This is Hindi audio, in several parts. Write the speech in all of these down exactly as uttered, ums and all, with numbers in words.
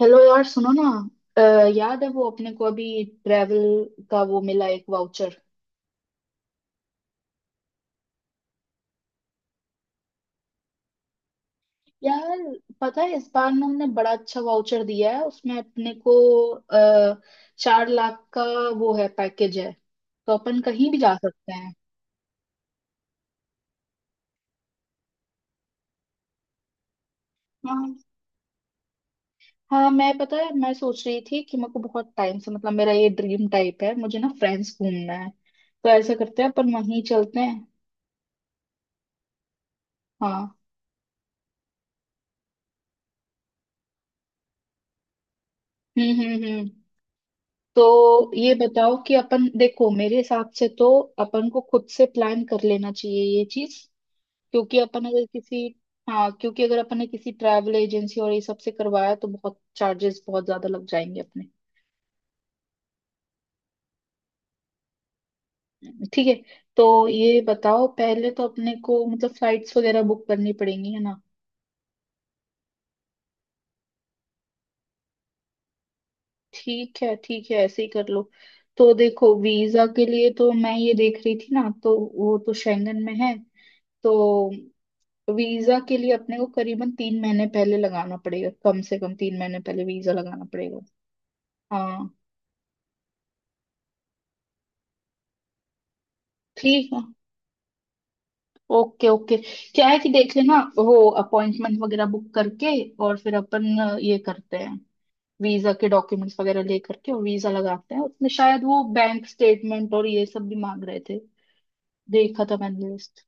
हेलो यार, सुनो ना। अ, याद है वो अपने को अभी ट्रेवल का वो मिला एक वाउचर? यार, पता है, इस बार ना हमने बड़ा अच्छा वाउचर दिया है उसमें अपने को। आ, चार लाख का वो है, पैकेज है, तो अपन कहीं भी जा सकते हैं। हाँ। हाँ मैं, पता है, मैं सोच रही थी कि मेरे को बहुत टाइम से, मतलब, मेरा ये ड्रीम टाइप है, मुझे ना फ्रेंड्स घूमना है। तो ऐसा करते हैं, अपन वहीं चलते हैं। हाँ। हम्म हम्म हम्म तो ये बताओ कि अपन, देखो, मेरे हिसाब से तो अपन को खुद से प्लान कर लेना चाहिए ये चीज क्योंकि अपन अगर किसी, हाँ, क्योंकि अगर अपन ने किसी ट्रैवल एजेंसी और ये सब से करवाया तो बहुत चार्जेस, बहुत ज्यादा लग जाएंगे अपने। ठीक है। तो ये बताओ, पहले तो अपने को मतलब फ्लाइट्स वगैरह बुक करनी पड़ेंगी, है ना? ठीक है, ठीक है, ऐसे ही कर लो। तो देखो, वीजा के लिए तो मैं ये देख रही थी ना, तो वो तो शेंगन में है। तो वीजा के लिए अपने को करीबन तीन महीने पहले लगाना पड़ेगा, कम से कम तीन महीने पहले वीजा लगाना पड़ेगा। हाँ। ठीक है। Okay okay. क्या है कि देख लेना वो, अपॉइंटमेंट वगैरह बुक करके। और फिर अपन अ, ये करते हैं, वीजा के डॉक्यूमेंट्स वगैरह ले करके और वीजा लगाते हैं। उसमें शायद वो बैंक स्टेटमेंट और ये सब भी मांग रहे थे, देखा था मैंने लिस्ट।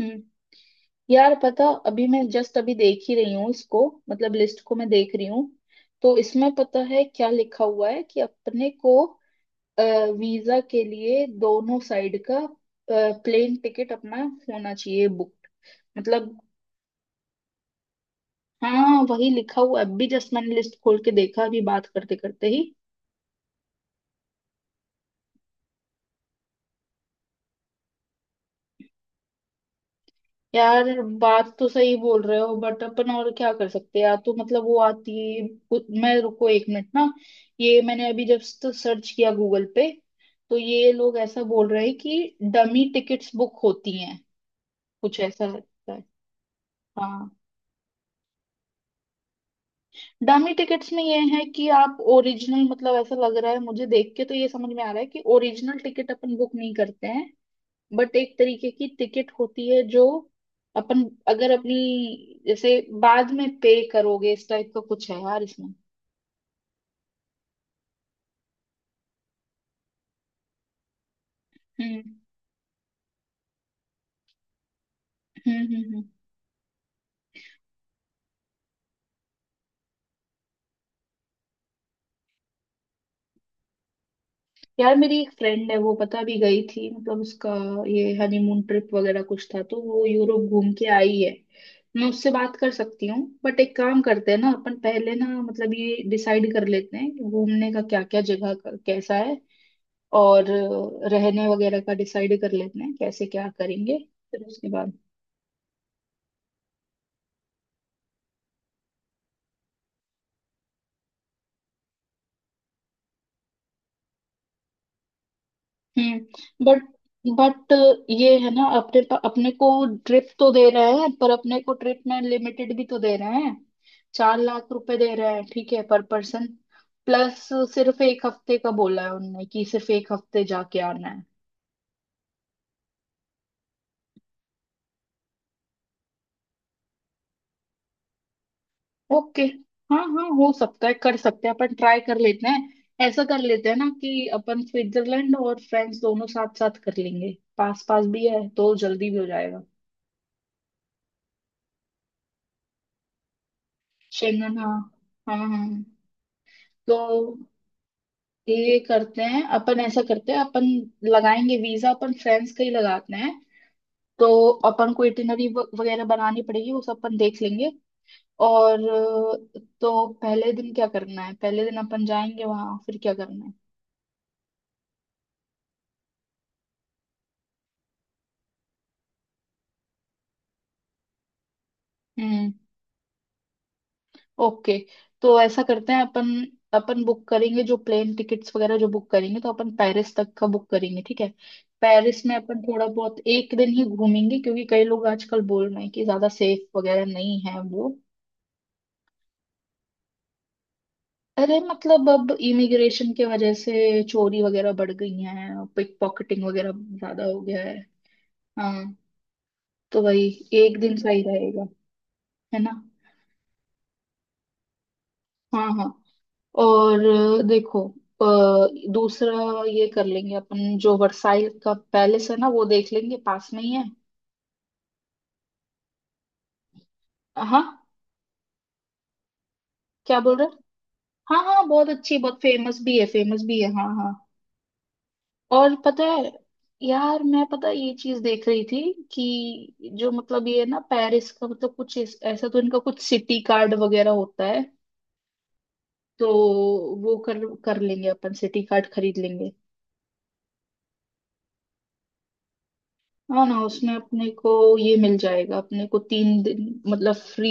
हम्म। यार, पता, अभी मैं जस्ट अभी देख ही रही हूँ इसको, मतलब लिस्ट को मैं देख रही हूँ। तो इसमें पता है क्या लिखा हुआ है कि अपने को वीजा के लिए दोनों साइड का प्लेन टिकट अपना होना चाहिए बुक, मतलब। हाँ, वही लिखा हुआ है। अभी जस्ट मैंने लिस्ट खोल के देखा, अभी बात करते करते ही। यार, बात तो सही बोल रहे हो, बट अपन और क्या कर सकते हैं यार? तो मतलब वो आती है कुछ- मैं, रुको एक मिनट ना। ये मैंने अभी जस्ट सर्च किया गूगल पे, तो ये लोग ऐसा बोल रहे हैं कि डमी टिकट्स बुक होती हैं, कुछ ऐसा लगता है। हाँ। डामी टिकट्स में ये है कि आप ओरिजिनल, मतलब ऐसा लग रहा है मुझे, देख के तो ये समझ में आ रहा है कि ओरिजिनल टिकट अपन बुक नहीं करते हैं, बट एक तरीके की टिकट होती है जो अपन अगर अपनी, जैसे बाद में पे करोगे, इस टाइप का कुछ है यार इसमें। हम्म हम्म हम्म हम्म यार, मेरी एक फ्रेंड है, वो पता भी गई थी, मतलब उसका ये हनीमून ट्रिप वगैरह कुछ था, तो वो यूरोप घूम के आई है। मैं उससे बात कर सकती हूँ। बट एक काम करते हैं ना, अपन पहले ना, मतलब ये डिसाइड कर लेते हैं कि घूमने का क्या क्या जगह क- कैसा है। और अ, रहने वगैरह का डिसाइड कर लेते हैं कैसे क्या करेंगे। फिर उसके बाद। हम्म बट बट ये है ना, अपने पा- अपने को ट्रिप तो दे रहे हैं पर अपने को ट्रिप में लिमिटेड भी तो दे रहे हैं। चार लाख रुपए दे रहे हैं, ठीक है, पर पर्सन प्लस। सिर्फ एक हफ्ते का बोला है उनने, कि सिर्फ एक हफ्ते जाके आना है। ओके। हाँ हाँ, हो सकता है, कर सकते हैं, अपन ट्राई कर लेते हैं। ऐसा कर लेते हैं ना कि अपन स्विट्जरलैंड और फ्रांस दोनों साथ साथ कर लेंगे, पास पास भी है तो जल्दी भी हो जाएगा। शेंगन, हाँ। हाँ हाँ। तो ये करते हैं अपन, ऐसा करते हैं अपन, लगाएंगे वीजा, अपन फ्रेंड्स का ही लगाते हैं। तो अपन को इटिनरी वगैरह बनानी पड़ेगी, वो सब अपन देख लेंगे। और अ, तो पहले दिन क्या करना है, पहले दिन अपन जाएंगे वहां, फिर क्या करना है। हम्म। ओके। तो ऐसा करते हैं अपन, अपन बुक करेंगे जो प्लेन टिकट्स वगैरह जो बुक करेंगे, तो अपन पेरिस तक का बुक करेंगे, ठीक है। पेरिस में अपन थोड़ा बहुत एक दिन ही घूमेंगे, क्योंकि कई लोग आजकल बोल रहे हैं कि ज्यादा सेफ वगैरह नहीं है वो। अरे, मतलब अब इमिग्रेशन के वजह से चोरी वगैरह बढ़ गई है, पिक पॉकेटिंग वगैरह ज्यादा हो गया है। हाँ। तो वही, एक दिन सही रहेगा, है ना। हाँ हाँ। और अ, देखो, अ, दूसरा ये कर लेंगे अपन, जो वर्साइल का पैलेस है ना वो देख लेंगे, पास में ही है। हाँ, क्या बोल रहे हैं। हाँ हाँ, बहुत अच्छी, बहुत फेमस भी है, फेमस भी है, हाँ हाँ। और पता है, यार मैं, पता है, ये चीज देख रही थी कि जो मतलब ये है ना, पेरिस का मतलब कुछ इस- ऐसा, तो इनका कुछ सिटी कार्ड वगैरह होता है। तो वो कर, कर लेंगे अपन, सिटी कार्ड खरीद लेंगे। हाँ ना, उसमें अपने को ये मिल जाएगा, अपने को तीन दिन मतलब फ्री।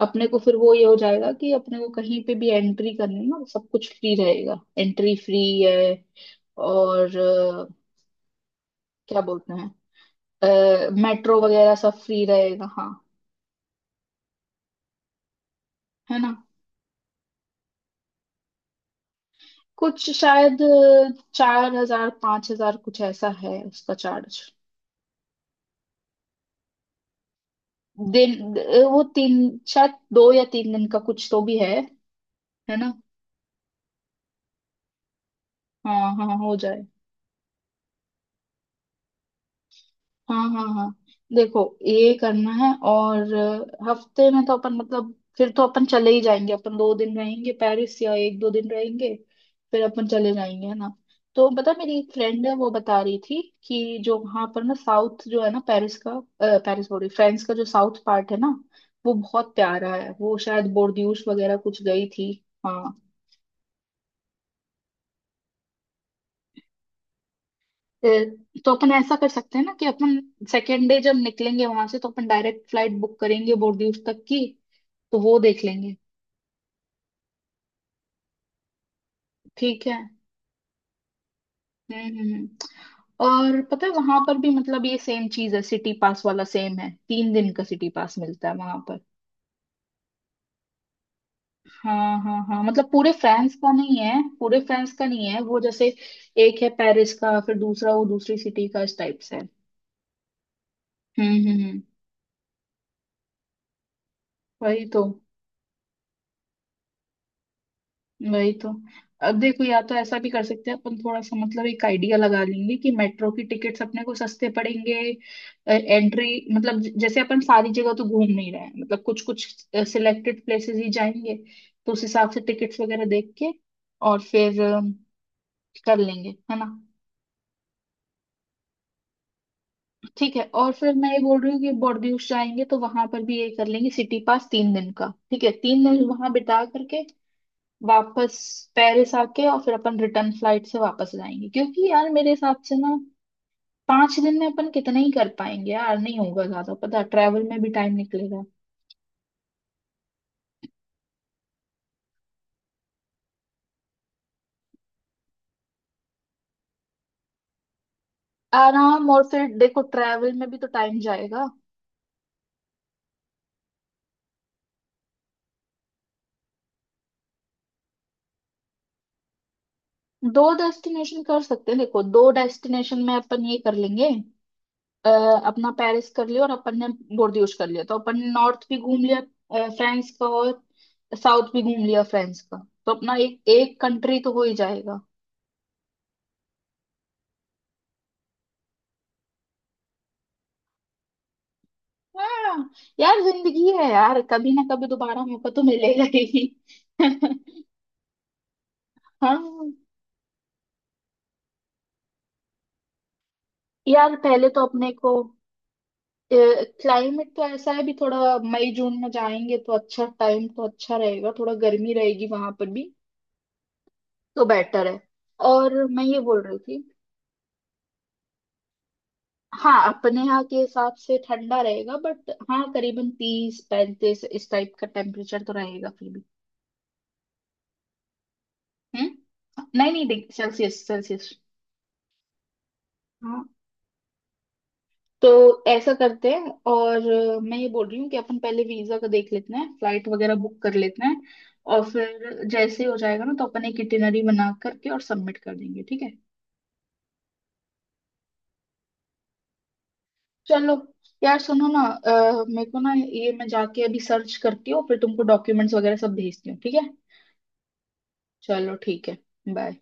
अपने को फिर वो ये हो जाएगा कि अपने को कहीं पे भी एंट्री करनी ना, सब कुछ फ्री रहेगा, एंट्री फ्री है। और अ, क्या बोलते हैं, मेट्रो वगैरह सब फ्री रहेगा, हाँ, है ना। कुछ शायद अ, चार हजार पांच हजार, कुछ ऐसा है उसका चार्ज। दिन, वो तीन, शायद दो या तीन दिन का कुछ तो भी है है ना। हाँ हाँ हो जाए। हाँ हाँ हाँ। देखो, ये करना है और अ, हफ्ते में तो अपन मतलब, फिर तो अपन चले ही जाएंगे, अपन दो दिन रहेंगे पेरिस या एक दो दिन रहेंगे, फिर अपन चले जाएंगे, है ना। तो बता, मेरी एक फ्रेंड है, वो बता रही थी कि जो वहां पर ना साउथ जो है ना पेरिस का, अ, पेरिस बोल रही, फ्रांस का जो साउथ पार्ट है ना, वो बहुत प्यारा है, वो शायद बोर्डियूस वगैरह कुछ गई थी। हाँ। अ, तो अपन ऐसा कर सकते हैं ना कि अपन सेकेंड डे जब निकलेंगे वहां से तो अपन डायरेक्ट फ्लाइट बुक करेंगे बोर्डियूस तक की, तो वो देख लेंगे। ठीक है। हम्म हम्म हम्म। और पता है, वहां पर भी मतलब ये सेम चीज है, सिटी पास वाला सेम है, तीन दिन का सिटी पास मिलता है वहां पर। हाँ हाँ हाँ, मतलब पूरे फ्रांस का नहीं है। पूरे फ्रांस का नहीं है वो, जैसे एक है पेरिस का, फिर दूसरा वो दूसरी सिटी का, इस टाइप से है। हम्म हम्म हम्म वही तो। वही तो। अब देखो, या तो ऐसा भी कर सकते हैं अपन, थोड़ा सा मतलब एक आइडिया लगा लेंगे कि मेट्रो की टिकट्स अपने को सस्ते पड़ेंगे। एंट्री, मतलब ज- जैसे अपन सारी जगह तो घूम नहीं रहे हैं, मतलब कुछ कुछ सिलेक्टेड प्लेसेस ही जाएंगे। तो उस हिसाब से टिकट्स वगैरह देख के और फिर अ, कर लेंगे, है ना। ठीक है। और फिर मैं ये बोल रही हूँ कि बोर्डियूस जाएंगे तो वहां पर भी ये कर लेंगे सिटी पास, तीन दिन का ठीक है, तीन दिन वहां बिता करके वापस पेरिस आके और फिर अपन रिटर्न फ्लाइट से वापस जाएंगे। क्योंकि यार मेरे हिसाब से ना, पांच दिन में अपन कितना ही कर पाएंगे यार, नहीं होगा ज्यादा, पता, ट्रैवल में भी टाइम निकलेगा। आराम, और फिर देखो ट्रैवल में भी तो टाइम जाएगा। दो डेस्टिनेशन कर सकते हैं, देखो दो डेस्टिनेशन में अपन ये कर लेंगे, अ, अपना पेरिस कर लिया और अपन ने बोर्डियूस कर लिया, तो अपन ने नॉर्थ भी घूम लिया अ, फ्रांस का और साउथ भी घूम लिया फ्रांस का, तो अपना एक एक कंट्री तो हो ही जाएगा। हाँ। यार, जिंदगी है यार, कभी ना कभी दोबारा मौका तो मिलेगा ही। हाँ। यार, पहले तो अपने को, क्लाइमेट तो ऐसा है भी थोड़ा, मई जून में जाएंगे तो अच्छा टाइम, तो अच्छा रहेगा, थोड़ा गर्मी रहेगी वहां पर भी, तो बेटर है। और मैं ये बोल रही थी। हाँ, अपने यहाँ के हिसाब से ठंडा रहेगा बट हाँ, करीबन तीस पैंतीस इस टाइप का टेम्परेचर तो रहेगा फिर भी। हम्म, नहीं नहीं, डिग्री सेल्सियस, सेल्सियस। तो ऐसा करते हैं। और अ, मैं ये बोल रही हूँ कि अपन पहले वीजा का देख लेते हैं, फ्लाइट वगैरह बुक कर लेते हैं। और फिर जैसे ही हो जाएगा ना तो अपन एक इटिनरी बना करके और सबमिट कर देंगे, ठीक है। चलो। यार सुनो ना, अ, मेरे को ना ये, मैं जाके अभी सर्च करती हूँ, फिर तुमको डॉक्यूमेंट्स वगैरह सब भेजती हूँ, ठीक है। चलो, ठीक है। बाय।